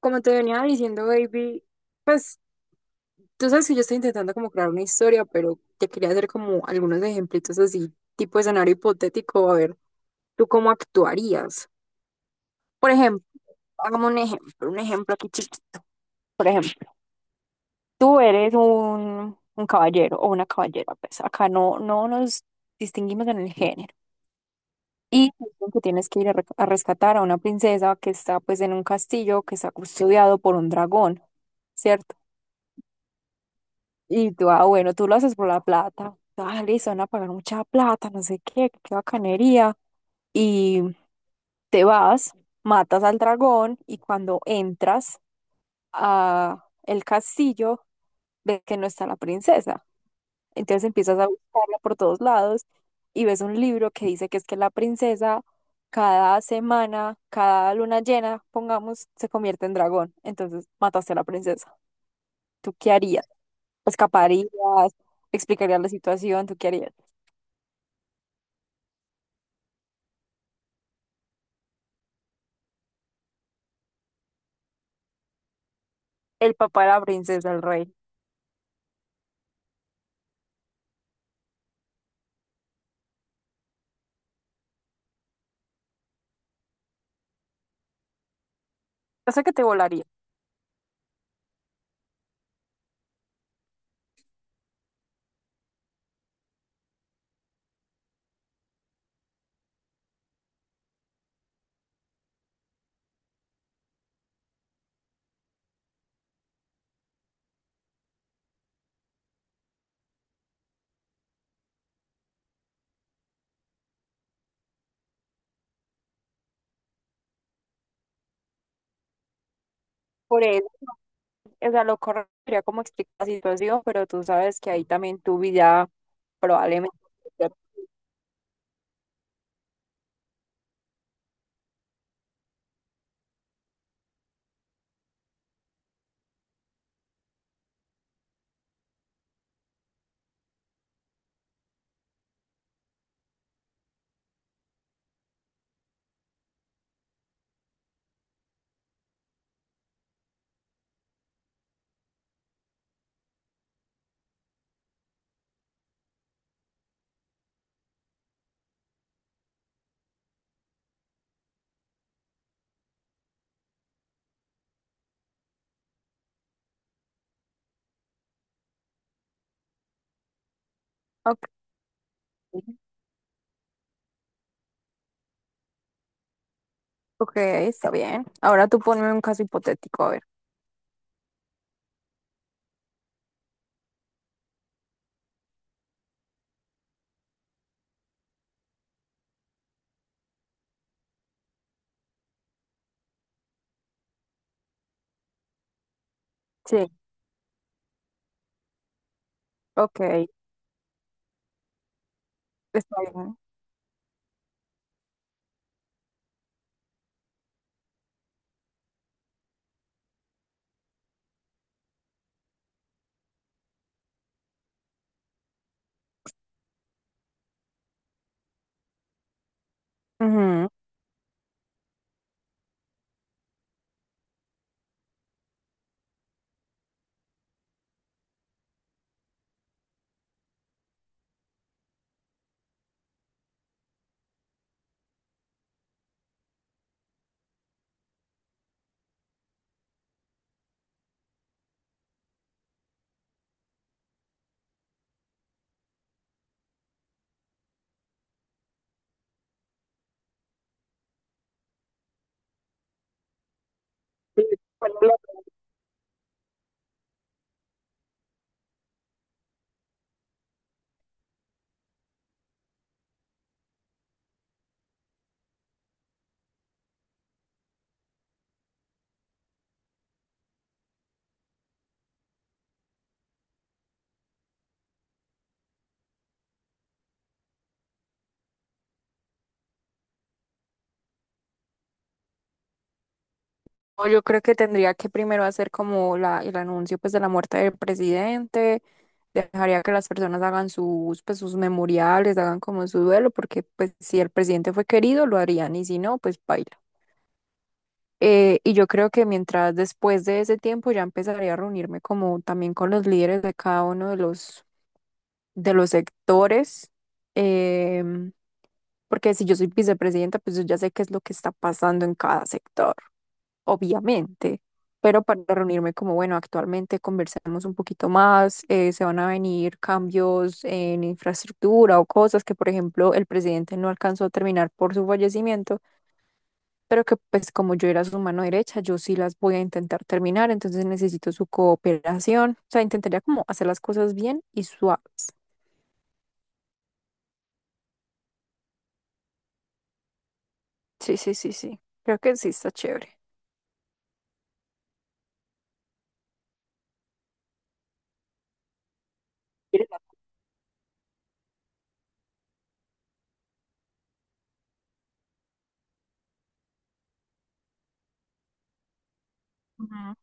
Como te venía diciendo, baby, pues tú sabes que yo estoy intentando como crear una historia, pero te quería hacer como algunos ejemplitos así, tipo escenario hipotético, a ver, ¿tú cómo actuarías? Por ejemplo, hagamos un ejemplo aquí chiquito. Por ejemplo, tú eres un caballero o una caballera, pues acá no nos distinguimos en el género. Y dicen que tienes que ir a rescatar a una princesa que está pues en un castillo que está custodiado por un dragón, ¿cierto? Y tú lo haces por la plata. Ah, listo, van a pagar mucha plata, no sé qué, qué bacanería. Y te vas, matas al dragón y cuando entras a el castillo, ves que no está la princesa. Entonces empiezas a buscarla por todos lados y ves un libro que dice que es que la princesa cada semana, cada luna llena, pongamos, se convierte en dragón. Entonces mataste a la princesa. ¿Tú qué harías? Escaparías, explicarías la situación, ¿tú qué harías? El papá de la princesa, el rey. O sea que te volaría. Por eso, o sea, lo correcto sería como explicar la situación, pero tú sabes que ahí también tu vida probablemente. Ok, ok, está bien. Ahora tú ponme un caso hipotético, a ver. Sí, ok, está bien. Ujú. Sí, ponlo. No, yo creo que tendría que primero hacer como el anuncio pues de la muerte del presidente, dejaría que las personas hagan sus, pues, sus memoriales, hagan como su duelo, porque pues si el presidente fue querido lo harían y si no, pues baila. Y yo creo que mientras después de ese tiempo ya empezaría a reunirme como también con los líderes de cada uno de los sectores, em, porque si yo soy vicepresidenta, pues yo ya sé qué es lo que está pasando en cada sector, obviamente, pero para reunirme como, bueno, actualmente conversemos un poquito más, se van a venir cambios en infraestructura o cosas que, por ejemplo, el presidente no alcanzó a terminar por su fallecimiento, pero que pues como yo era su mano derecha, yo sí las voy a intentar terminar, entonces necesito su cooperación, o sea, intentaría como hacer las cosas bien y suaves. Sí, sí, sí, sí. Creo que sí está chévere. ¿Quieres la-? Ujú.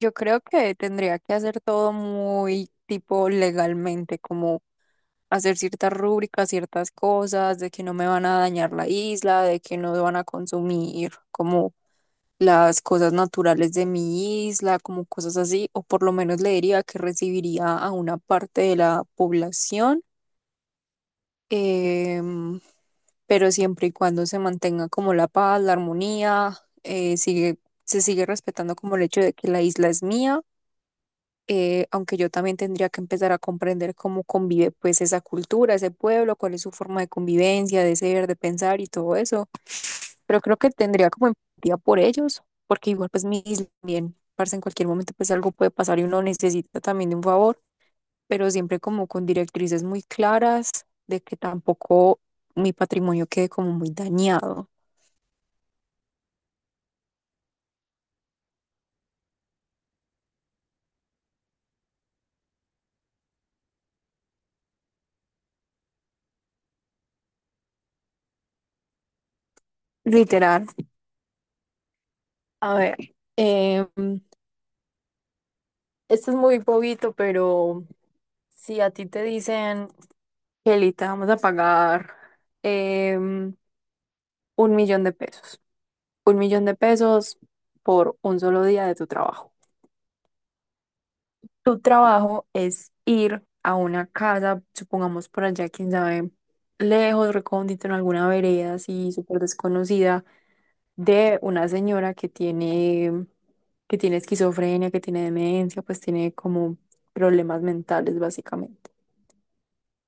Yo creo que tendría que hacer todo muy tipo legalmente, como hacer ciertas rúbricas, ciertas cosas, de que no me van a dañar la isla, de que no van a consumir como las cosas naturales de mi isla, como cosas así, o por lo menos le diría que recibiría a una parte de la población. em, pero siempre y cuando se mantenga como la paz, la armonía, eh, sigue, se sigue respetando como el hecho de que la isla es mía, aunque yo también tendría que empezar a comprender cómo convive pues esa cultura, ese pueblo, cuál es su forma de convivencia, de ser, de pensar y todo eso, pero creo que tendría como empatía por ellos, porque igual pues mi isla también, parce, en cualquier momento pues algo puede pasar y uno necesita también de un favor pero siempre como con directrices muy claras de que tampoco mi patrimonio quede como muy dañado. Literal. A ver, eh, esto es muy bobito, pero si a ti te dicen, Kelly, te vamos a pagar un millón de pesos, un millón de pesos por un solo día de tu trabajo. Tu trabajo es ir a una casa, supongamos por allá, quién sabe, lejos, recóndito, en alguna vereda así súper desconocida, de una señora que tiene esquizofrenia, que tiene demencia, pues tiene como problemas mentales básicamente.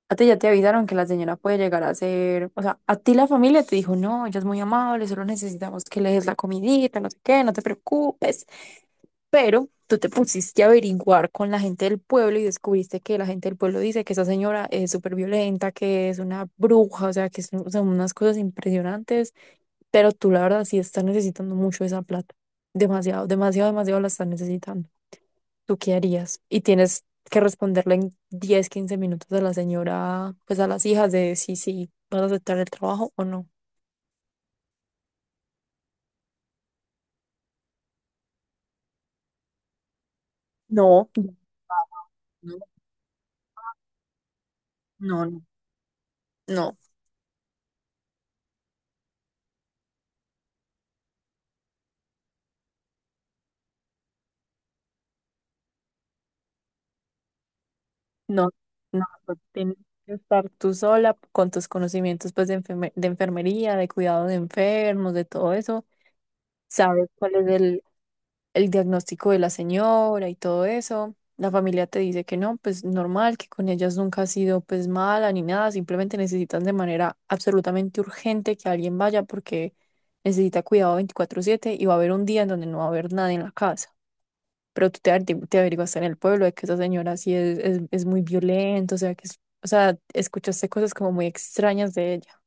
A ti ya te avisaron que la señora puede llegar a ser, o sea, a ti la familia te dijo, no, ella es muy amable, solo necesitamos que le des la comidita, no sé qué, no te preocupes. Pero tú te pusiste a averiguar con la gente del pueblo y descubriste que la gente del pueblo dice que esa señora es súper violenta, que es una bruja, o sea, que son unas cosas impresionantes, pero tú la verdad sí estás necesitando mucho esa plata. Demasiado, demasiado, demasiado la estás necesitando. ¿Tú qué harías? Y tienes que responderle en 10, 15 minutos a la señora, pues a las hijas de si vas a aceptar el trabajo o no. No, no, no, no. No. No, no, pues, tienes que estar tú sola con tus conocimientos pues de enfermería, de cuidado de enfermos, de todo eso. Sabes cuál es el diagnóstico de la señora y todo eso. La familia te dice que no, pues normal, que con ellas nunca ha sido pues mala ni nada, simplemente necesitan de manera absolutamente urgente que alguien vaya porque necesita cuidado 24/7 y va a haber un día en donde no va a haber nadie en la casa pero tú te averiguaste en el pueblo de que esa señora sí es muy violenta, o sea, o sea, escuchaste cosas como muy extrañas de ella.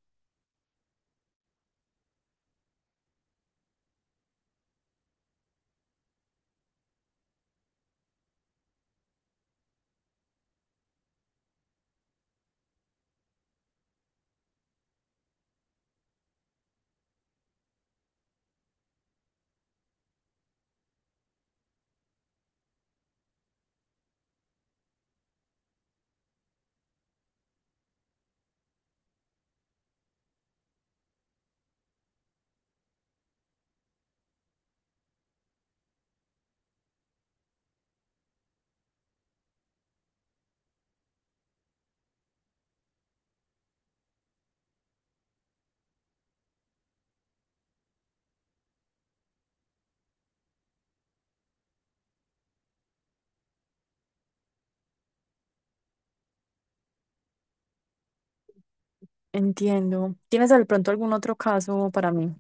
Entiendo. ¿Tienes de pronto algún otro caso para mí?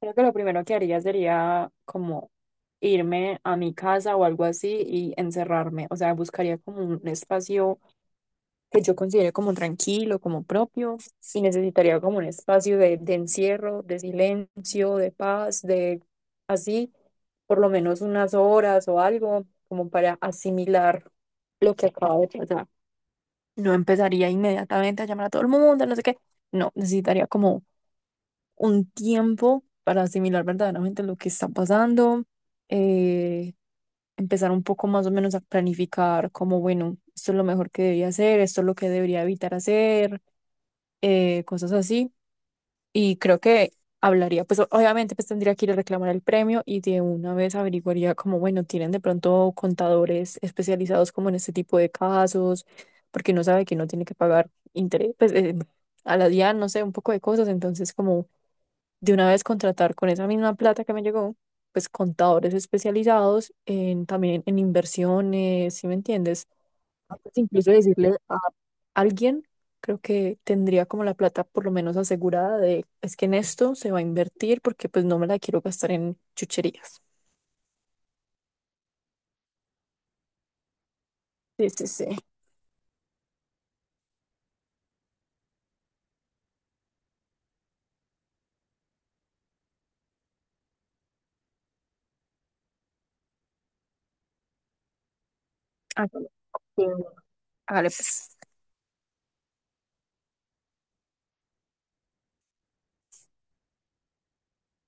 Creo que lo primero que haría sería como irme a mi casa o algo así y encerrarme. O sea, buscaría como un espacio que yo considere como tranquilo, como propio, y necesitaría como un espacio de encierro, de silencio, de paz, de así, por lo menos unas horas o algo, como para asimilar lo que acaba de pasar. No empezaría inmediatamente a llamar a todo el mundo, no sé qué. No, necesitaría como un tiempo para asimilar verdaderamente lo que está pasando, eh, empezar un poco más o menos a planificar como, bueno, esto es lo mejor que debería hacer, esto es lo que debería evitar hacer, cosas así. Y creo que hablaría, pues obviamente pues tendría que ir a reclamar el premio y de una vez averiguaría como, bueno, tienen de pronto contadores especializados como en este tipo de casos, porque no sabe que no tiene que pagar interés, pues a la DIAN, no sé, un poco de cosas. Entonces como de una vez contratar con esa misma plata que me llegó, pues contadores especializados en, también en inversiones, ¿sí me entiendes? Pues, incluso decirle alguien creo que tendría como la plata por lo menos asegurada de, es que en esto se va a invertir porque pues no me la quiero gastar en chucherías. Sí, sí, sí. Hágale, sí, bueno. Hágale, pues.